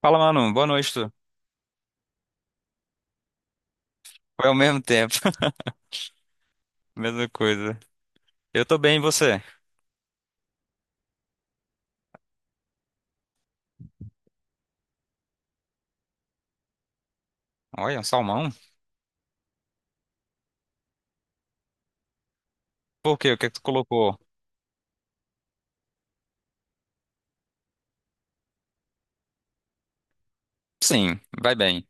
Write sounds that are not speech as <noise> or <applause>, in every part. Fala, mano. Boa noite. Tu. Foi ao mesmo tempo. <laughs> Mesma coisa. Eu tô bem, e você? Olha, um salmão? Por quê? O que é que tu colocou? Sim, vai bem.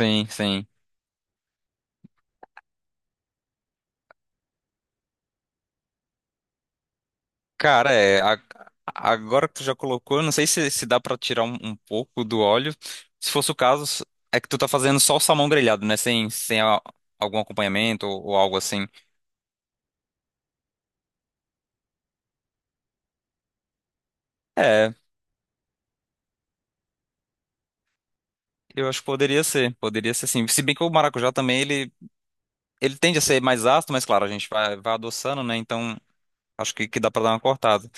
Sim, sim. Cara, é. Agora que tu já colocou, eu não sei se dá pra tirar um pouco do óleo. Se fosse o caso, é que tu tá fazendo só o salmão grelhado, né? Sem algum acompanhamento ou algo assim. É, eu acho que poderia ser. Poderia ser sim. Se bem que o maracujá também, ele. Ele tende a ser mais ácido, mas claro, a gente vai adoçando, né? Então. Acho que dá pra dar uma cortada.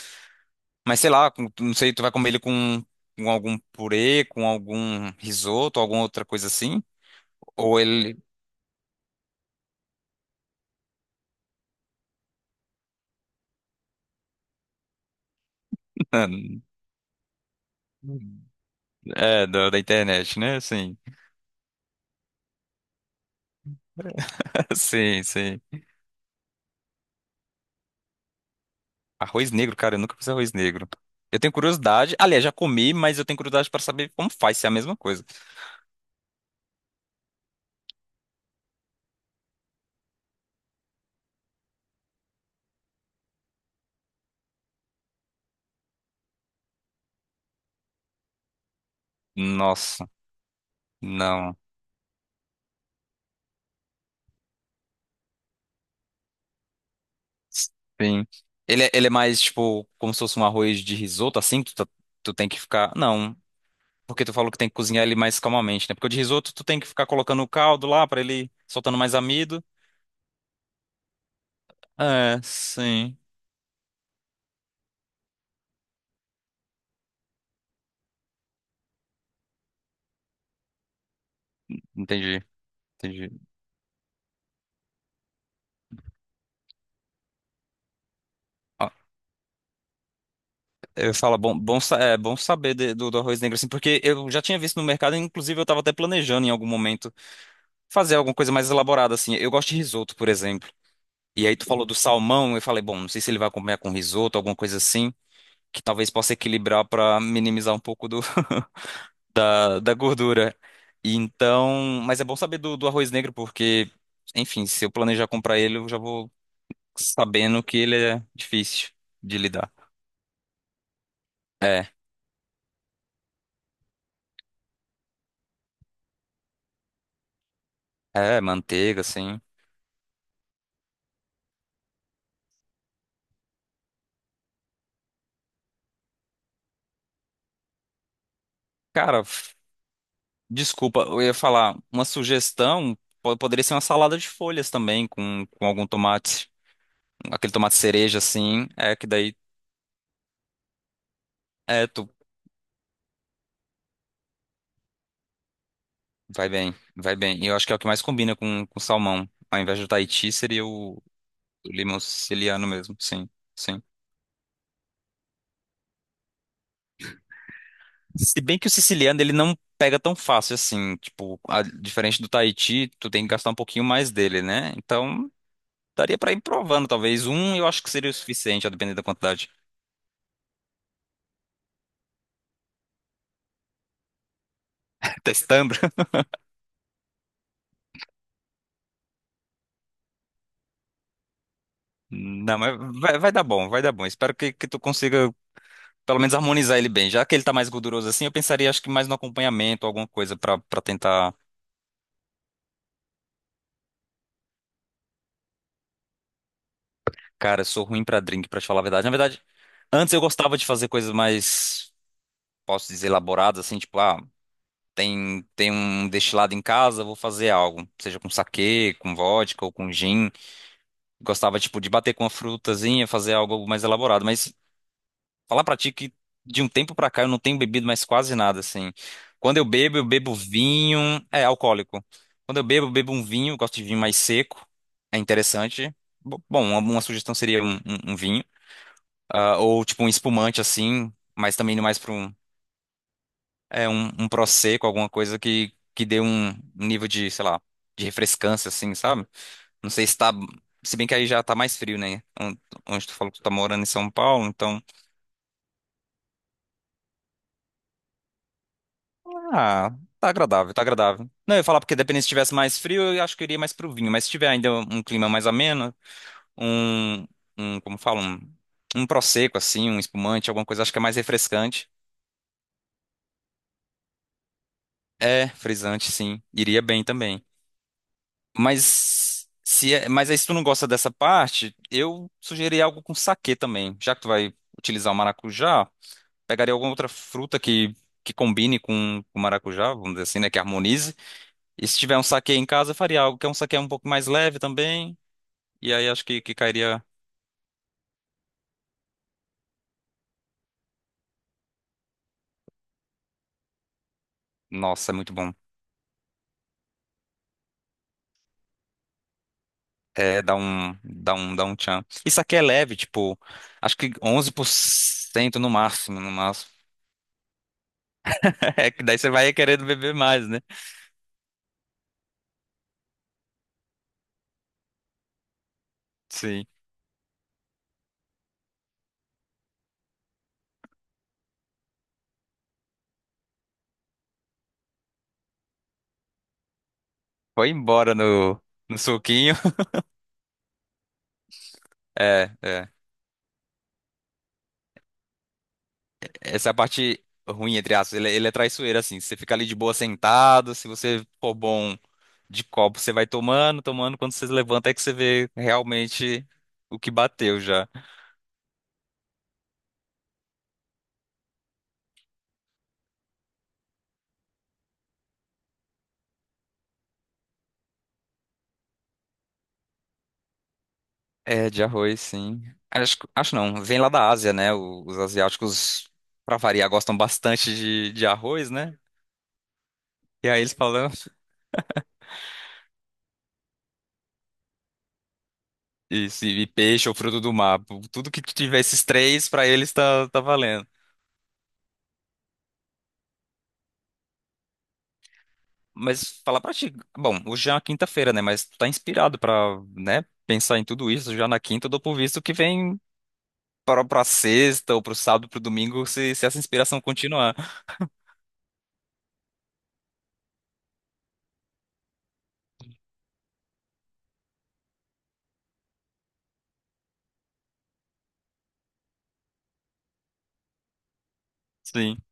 Mas sei lá, não sei, tu vai comer ele com algum purê, com algum risoto, alguma outra coisa assim? Ou ele. <laughs> É, da internet, né? Sim. <laughs> Sim, sim. Arroz negro, cara, eu nunca fiz arroz negro. Eu tenho curiosidade. Aliás, já comi, mas eu tenho curiosidade pra saber como faz, se é a mesma coisa. Nossa, não. Sim. Ele, ele é mais, tipo, como se fosse um arroz de risoto, assim, que tu, tu tem que ficar. Não. Porque tu falou que tem que cozinhar ele mais calmamente, né? Porque o de risoto tu tem que ficar colocando o caldo lá pra ele soltando mais amido. É, sim. Entendi, entendi. Ó, eu falo, bom, bom, é bom saber do arroz negro, assim, porque eu já tinha visto no mercado, inclusive eu tava até planejando em algum momento fazer alguma coisa mais elaborada, assim. Eu gosto de risoto, por exemplo. E aí tu falou do salmão, eu falei, bom, não sei se ele vai comer com risoto, alguma coisa assim, que talvez possa equilibrar pra minimizar um pouco do. <laughs> Da gordura. E então, mas é bom saber do arroz negro, porque, enfim, se eu planejar comprar ele, eu já vou sabendo que ele é difícil de lidar. É, é, manteiga, assim. Cara, desculpa, eu ia falar, uma sugestão poderia ser uma salada de folhas também, com algum tomate, aquele tomate cereja, assim, é que daí, é, tu vai bem, vai bem. E eu acho que é o que mais combina com salmão. Ao invés do Tahiti, seria o limão siciliano mesmo, sim, sim. Se bem que o siciliano ele não pega tão fácil assim, tipo, diferente do Tahiti, tu tem que gastar um pouquinho mais dele, né? Então, daria pra ir provando, talvez um, eu acho que seria o suficiente, a depender da quantidade. <laughs> Testando. Não, mas vai dar bom, vai dar bom. Espero que tu consiga pelo menos harmonizar ele bem. Já que ele tá mais gorduroso assim, eu pensaria acho que mais no acompanhamento, alguma coisa pra para tentar. Cara, eu sou ruim pra drink, pra te falar a verdade. Na verdade, antes eu gostava de fazer coisas mais, posso dizer, elaboradas, assim, tipo, ah, tem, tem um destilado em casa, vou fazer algo, seja com saquê, com vodka ou com gin. Gostava, tipo, de bater com uma frutazinha, fazer algo mais elaborado. Mas falar pra ti que de um tempo pra cá eu não tenho bebido mais quase nada, assim. Quando eu bebo vinho, é, alcoólico. Quando eu bebo um vinho, eu gosto de vinho mais seco, é interessante. Bom, uma sugestão seria um, um vinho, ah, ou tipo um espumante assim, mas também indo mais para é um, um prosecco, alguma coisa que dê um nível de, sei lá, de refrescância, assim, sabe? Não sei se tá. Se bem que aí já tá mais frio, né? Onde tu falou que tu tá morando em São Paulo, então. Ah, tá agradável, tá agradável. Não, eu ia falar porque dependendo se tivesse mais frio, eu acho que eu iria mais pro vinho. Mas se tiver ainda um clima mais ameno, um. Um como fala? Um prosecco, assim, um espumante, alguma coisa, acho que é mais refrescante. É, frisante, sim. Iria bem também. Mas se é- mas aí se tu não gosta dessa parte, eu sugeri algo com saquê também. Já que tu vai utilizar o maracujá, pegaria alguma outra fruta que combine com o maracujá, vamos dizer assim, né, que harmonize. E se tiver um saquê em casa, eu faria algo que é um saquê um pouco mais leve também. E aí acho que cairia. Nossa, é muito bom. É, dá um tchan. E saquê é leve, tipo, acho que 11% no máximo, no máximo. <laughs> É que daí você vai querendo beber mais, né? Sim. Foi embora no, no suquinho. <laughs> É, é. Essa é a parte ruim, entre aspas. Ele é traiçoeiro, assim. Você fica ali de boa sentado. Se você for bom de copo, você vai tomando, tomando. Quando você levanta, é que você vê realmente o que bateu já. É, de arroz, sim. Acho, acho não. Vem lá da Ásia, né? Os asiáticos, pra variar, gostam bastante de arroz, né? E aí eles falam. <laughs> Isso, e peixe ou fruto do mar. Tudo que tiver esses três, pra eles tá, tá valendo. Mas falar pra ti, bom, hoje é uma quinta-feira, né? Mas tu tá inspirado pra, né, pensar em tudo isso já na quinta, eu dou por visto que vem pra, pra sexta ou pro sábado, pro domingo, se essa inspiração continuar. Sim.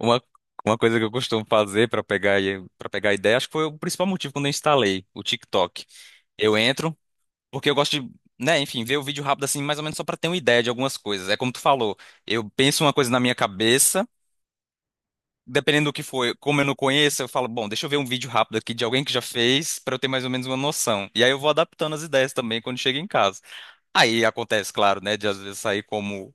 Uma, uma coisa que eu costumo fazer pra pegar, para pegar ideia, acho que foi o principal motivo quando eu instalei o TikTok. Eu entro, porque eu gosto de, né, enfim, ver o vídeo rápido assim, mais ou menos só pra ter uma ideia de algumas coisas. É como tu falou, eu penso uma coisa na minha cabeça. Dependendo do que for, como eu não conheço, eu falo, bom, deixa eu ver um vídeo rápido aqui de alguém que já fez, pra eu ter mais ou menos uma noção. E aí eu vou adaptando as ideias também quando chego em casa. Aí acontece, claro, né, de às vezes sair como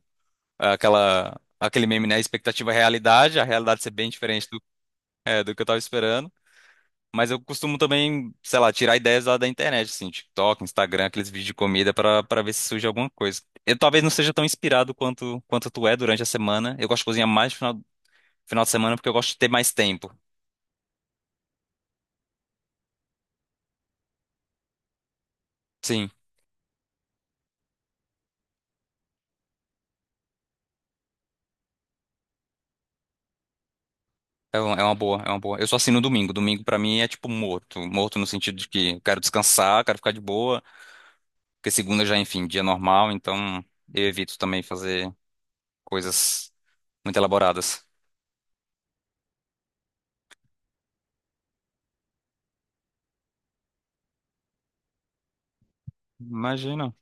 ah, aquela aquele meme, né, expectativa e realidade, a realidade ser bem diferente do, é, do que eu tava esperando. Mas eu costumo também, sei lá, tirar ideias lá da internet, assim, TikTok, Instagram, aqueles vídeos de comida pra para ver se surge alguma coisa. Eu talvez não seja tão inspirado quanto tu é durante a semana. Eu gosto de cozinhar mais no final, final de semana porque eu gosto de ter mais tempo. Sim. É é uma boa, é uma boa. Eu só assino domingo. Domingo pra mim é tipo morto. Morto no sentido de que eu quero descansar, quero ficar de boa, porque segunda já, enfim, dia normal, então eu evito também fazer coisas muito elaboradas. Imagina.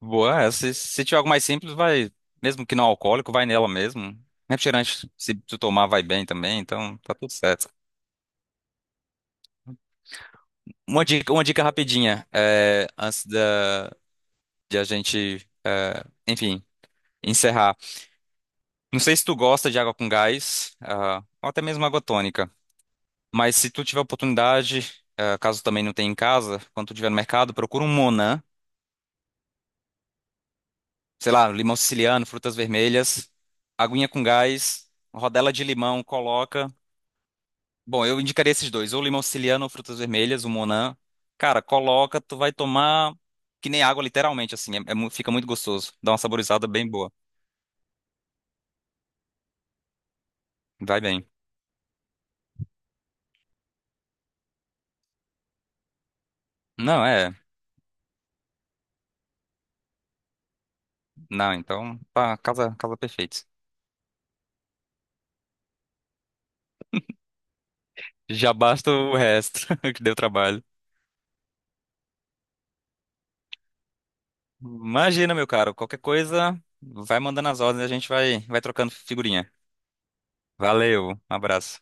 Boa, é, se tiver algo mais simples, vai, mesmo que não alcoólico, vai nela mesmo. Refrigerante, se tu tomar, vai bem também, então tá tudo certo. Uma dica rapidinha, é, antes da, de a gente, é, enfim, encerrar. Não sei se tu gosta de água com gás, ah, ou até mesmo água tônica, mas se tu tiver oportunidade, ah, caso também não tenha em casa, quando tu estiver no mercado, procura um Monan, sei lá, limão siciliano, frutas vermelhas, aguinha com gás, rodela de limão, coloca. Bom, eu indicaria esses dois, ou limão siciliano ou frutas vermelhas, o Monan. Cara, coloca, tu vai tomar que nem água, literalmente, assim, fica muito gostoso, dá uma saborizada bem boa, vai bem. Não, é, não, então, tá, casa, casa perfeita. Já basta o resto <laughs> que deu trabalho. Imagina, meu caro, qualquer coisa, vai mandando as ordens e a gente vai, vai trocando figurinha. Valeu, um abraço.